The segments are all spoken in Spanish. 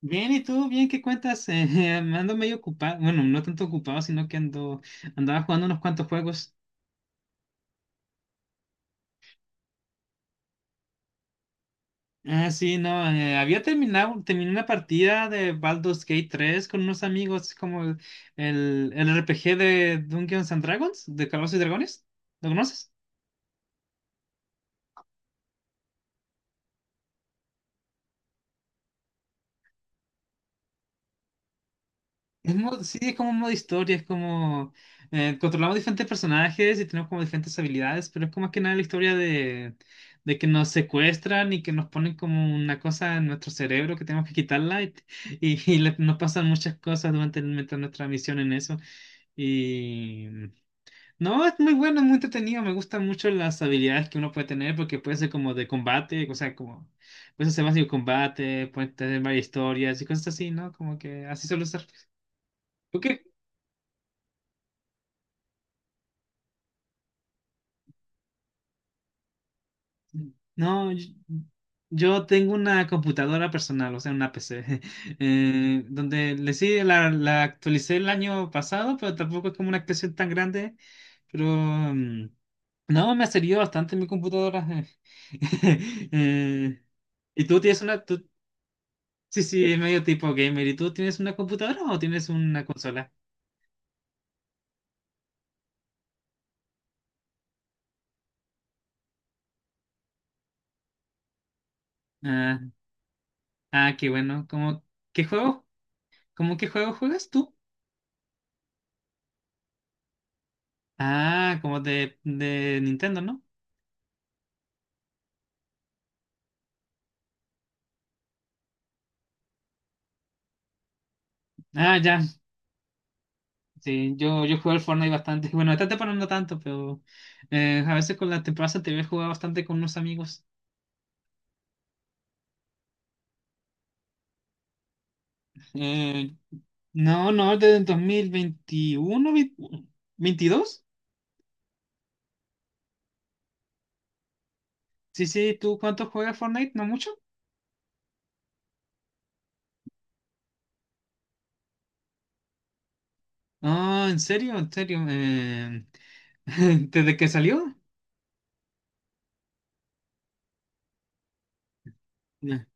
Bien, ¿y tú? Bien, ¿qué cuentas? Ando medio ocupado, bueno, no tanto ocupado, sino que andaba jugando unos cuantos juegos. Ah, sí, no, terminé una partida de Baldur's Gate 3 con unos amigos, el RPG de Dungeons and Dragons, de Calabozos y Dragones. ¿Lo conoces? Sí, es como un modo historia, es como controlamos diferentes personajes y tenemos como diferentes habilidades, pero es como más que nada de que nos secuestran y que nos ponen como una cosa en nuestro cerebro que tenemos que quitarla nos pasan muchas cosas durante mientras nuestra misión en eso. Y no, es muy bueno, es muy entretenido, me gustan mucho las habilidades que uno puede tener porque puede ser como de combate, o sea, como puedes hacer básico combate, puede tener varias historias y cosas así, ¿no? Como que así suele ser. ¿Tú qué No, yo tengo una computadora personal, o sea, una PC, donde le sí, la actualicé el año pasado, pero tampoco es como una actualización tan grande, pero no, me ha servido bastante mi computadora. Eh, ¿y tú tienes una, tú- sí, sí, es medio tipo gamer, ¿y tú tienes una computadora o tienes una consola? Ah, ah, qué bueno, qué juego, ¿cómo qué juego juegas tú? Ah, como de Nintendo, ¿no? Ah, ya. Sí, yo jugué al Fortnite bastante. Bueno, esta temporada no tanto, pero a veces con la temporada anterior jugaba bastante con unos amigos. Eh, no, desde el 2021 22. Sí, sí, ¿tú cuánto juegas Fortnite? ¿No mucho? Ah, ¿en serio? ¿En serio? ¿Desde que salió? Ya.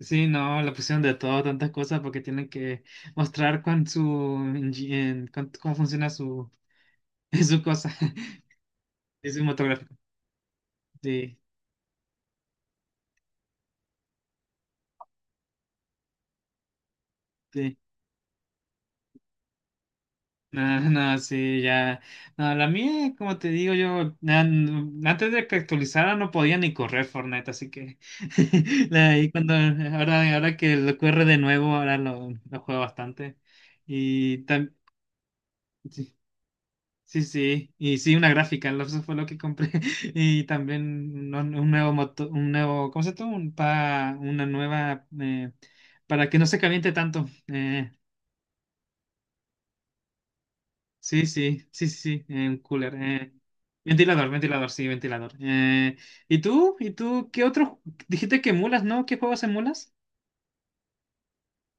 Sí, no, la pusieron de todo, tantas cosas, porque tienen que mostrar con su, cómo funciona su, su cosa, es cinematográfico. Sí. Sí. No, no, sí, ya. No, la mía, como te digo, antes de que actualizara no podía ni correr Fortnite, así que ahí cuando ahora que lo corre de nuevo, ahora lo juego bastante. Y tam- sí, sí, sí, y sí, una gráfica, lo- eso fue lo que compré. Y también un nuevo moto, un nuevo, ¿cómo se llama? Un pa, una nueva para que no se caliente tanto. Sí, sí, sí, sí, sí, en cooler. Ventilador. ¿Y tú? ¿Y tú qué otros? Dijiste que emulas, ¿no? ¿Qué juegos emulas?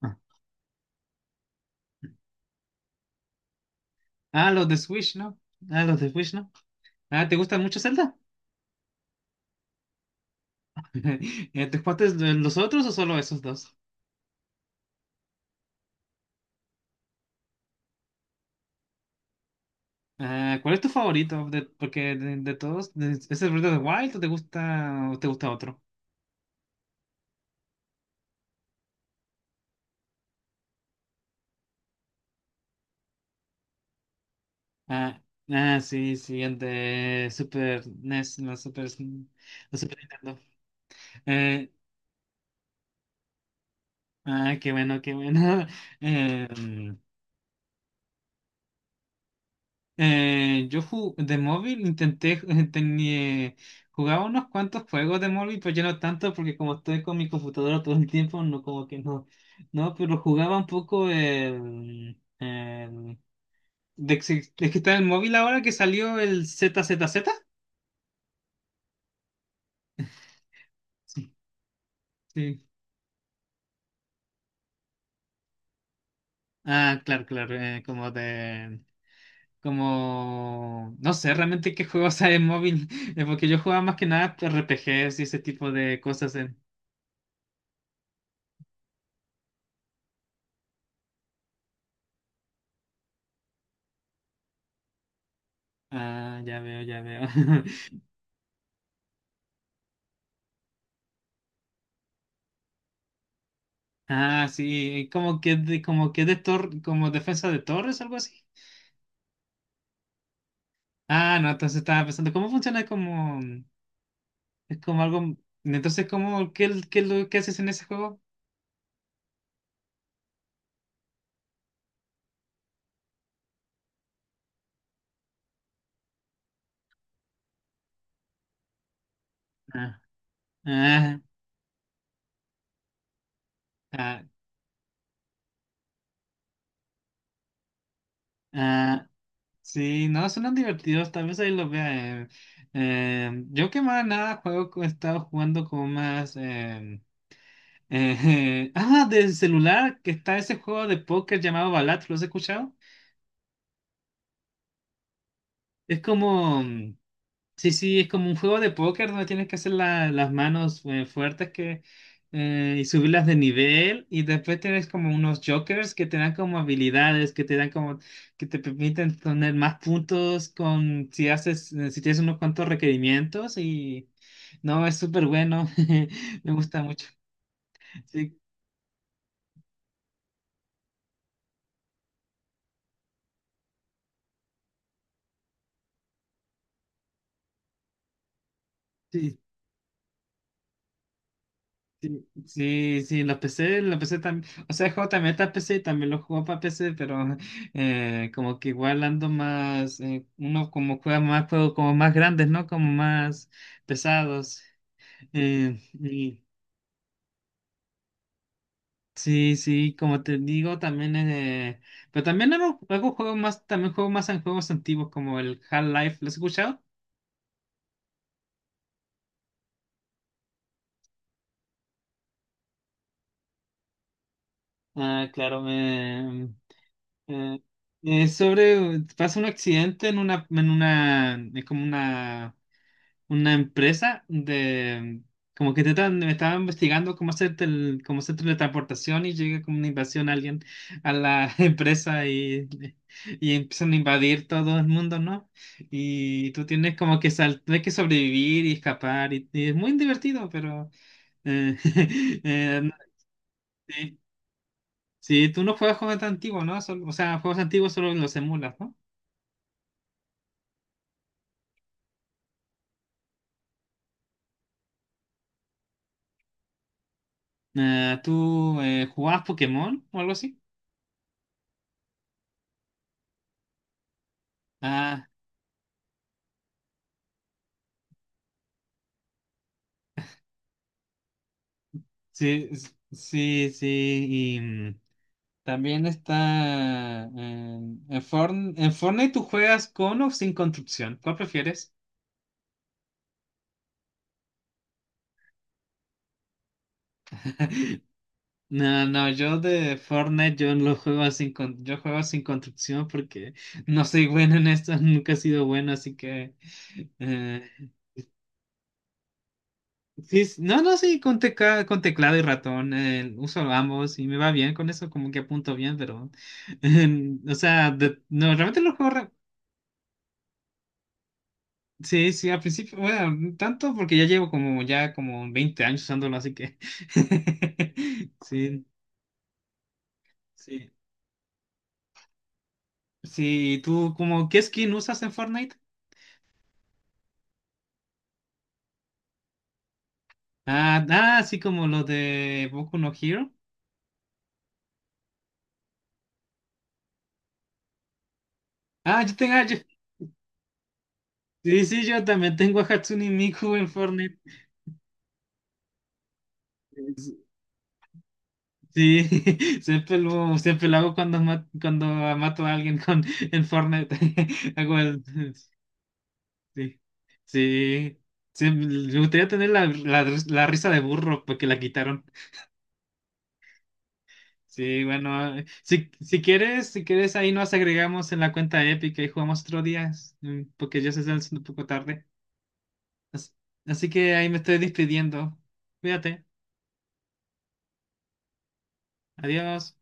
Ah, Ah, los de Switch, ¿no? Ah, los de Switch, ¿no? Ah, ¿te gustan mucho Zelda? ¿Te jugaste los otros o solo esos dos? Ah, ¿cuál es tu favorito? De todos, de- ¿es el Breath of the Wild o te gusta otro? Ah, ah, sí, sí, el de Super NES, la Super Nintendo. Eh, Ah, qué bueno, qué bueno. Em, de móvil intenté, tenía, jugaba unos cuantos juegos de móvil, pero ya no tanto porque como estoy con mi computadora todo el tiempo, no como que no, no, pero jugaba un poco de que está el móvil ahora que salió el Z Z Z. Sí, sí. Ah, claro, claro, como de Como, no sé realmente qué juegos hay en móvil, porque yo jugaba más que nada RPGs y ese tipo de cosas en... Ah, ya veo, ya veo. Ah, sí, como que de tor- como defensa de torres, algo así. Ah, no, entonces estaba pensando, es como algo, entonces, ¿es lo que haces en ese juego? Ah, ah, ah, ah, Sí, no, son divertidos, tal vez ahí lo vea. Yo que más nada juego, he estado jugando como más... ah, del celular, que está ese juego de póker llamado Balat, ¿lo has escuchado? Es como... Sí, sí, es como un juego de póker donde tienes que hacer las manos fuertes y subirlas de nivel y después tienes como unos jokers que te dan como habilidades, que te dan que te permiten tener más puntos con si haces, si tienes unos cuantos requerimientos y no, es súper bueno, me gusta mucho. Sí, sí, Sí, sí, sí, los PC, los PC también, o sea, el juego también está en PC y también lo juego para PC, pero como que igual ando más, uno como juega más juegos como más grandes, ¿no? Como más pesados. Y sí, sí, como te digo, también, pero también hago, hago juegos más, también juego más en juegos antiguos como el Half-Life, ¿lo has escuchado? Ah, eh, sobre, pasa un accidente en una, es como una empresa de como que me estaba investigando cómo hacer cómo hacer teletransportación y llega como una invasión alguien a la empresa y empiezan a invadir todo el mundo, ¿no? Y tú tienes como que tienes que sobrevivir y escapar y es muy divertido, pero eh, no- sí. Sí, tú no juegas juegos tan antiguos, ¿no? Solo- o sea, juegos antiguos solo los emulas, ¿no? ¿Tú jugabas Pokémon o algo así? Ah, Sí, s- sí, sí. Y también está en, en Fortnite, ¿tú juegas con o sin construcción? ¿Cuál prefieres? No, no, yo de Fortnite yo lo juego sin con- yo juego sin construcción porque no soy bueno en esto, nunca he sido bueno, así que eh, sí, no, no, sí, con, con teclado y ratón uso ambos y me va bien con eso, como que apunto bien, pero o sea, de- no, realmente lo juego Sí, sí, al principio, bueno, no tanto porque ya como 20 años usándolo, así que sí, sí. Sí, ¿y ¿tú como qué skin usas en Fortnite? Ah, ah, sí, como los de Boku no Hero. Ah, yo tengo, ah, yo- sí, sí, yo también tengo a Hatsune Miku en Fortnite. Sí, siempre lo hago cuando, cuando mato a alguien en Fortnite. Hago el, Sí, sí, sí, me gustaría tener la risa de burro porque la quitaron. Sí, bueno, si quieres, si quieres, ahí nos agregamos en la cuenta épica y jugamos otro día, porque ya se está haciendo un poco tarde. As- Así que ahí me estoy despidiendo. Cuídate, adiós.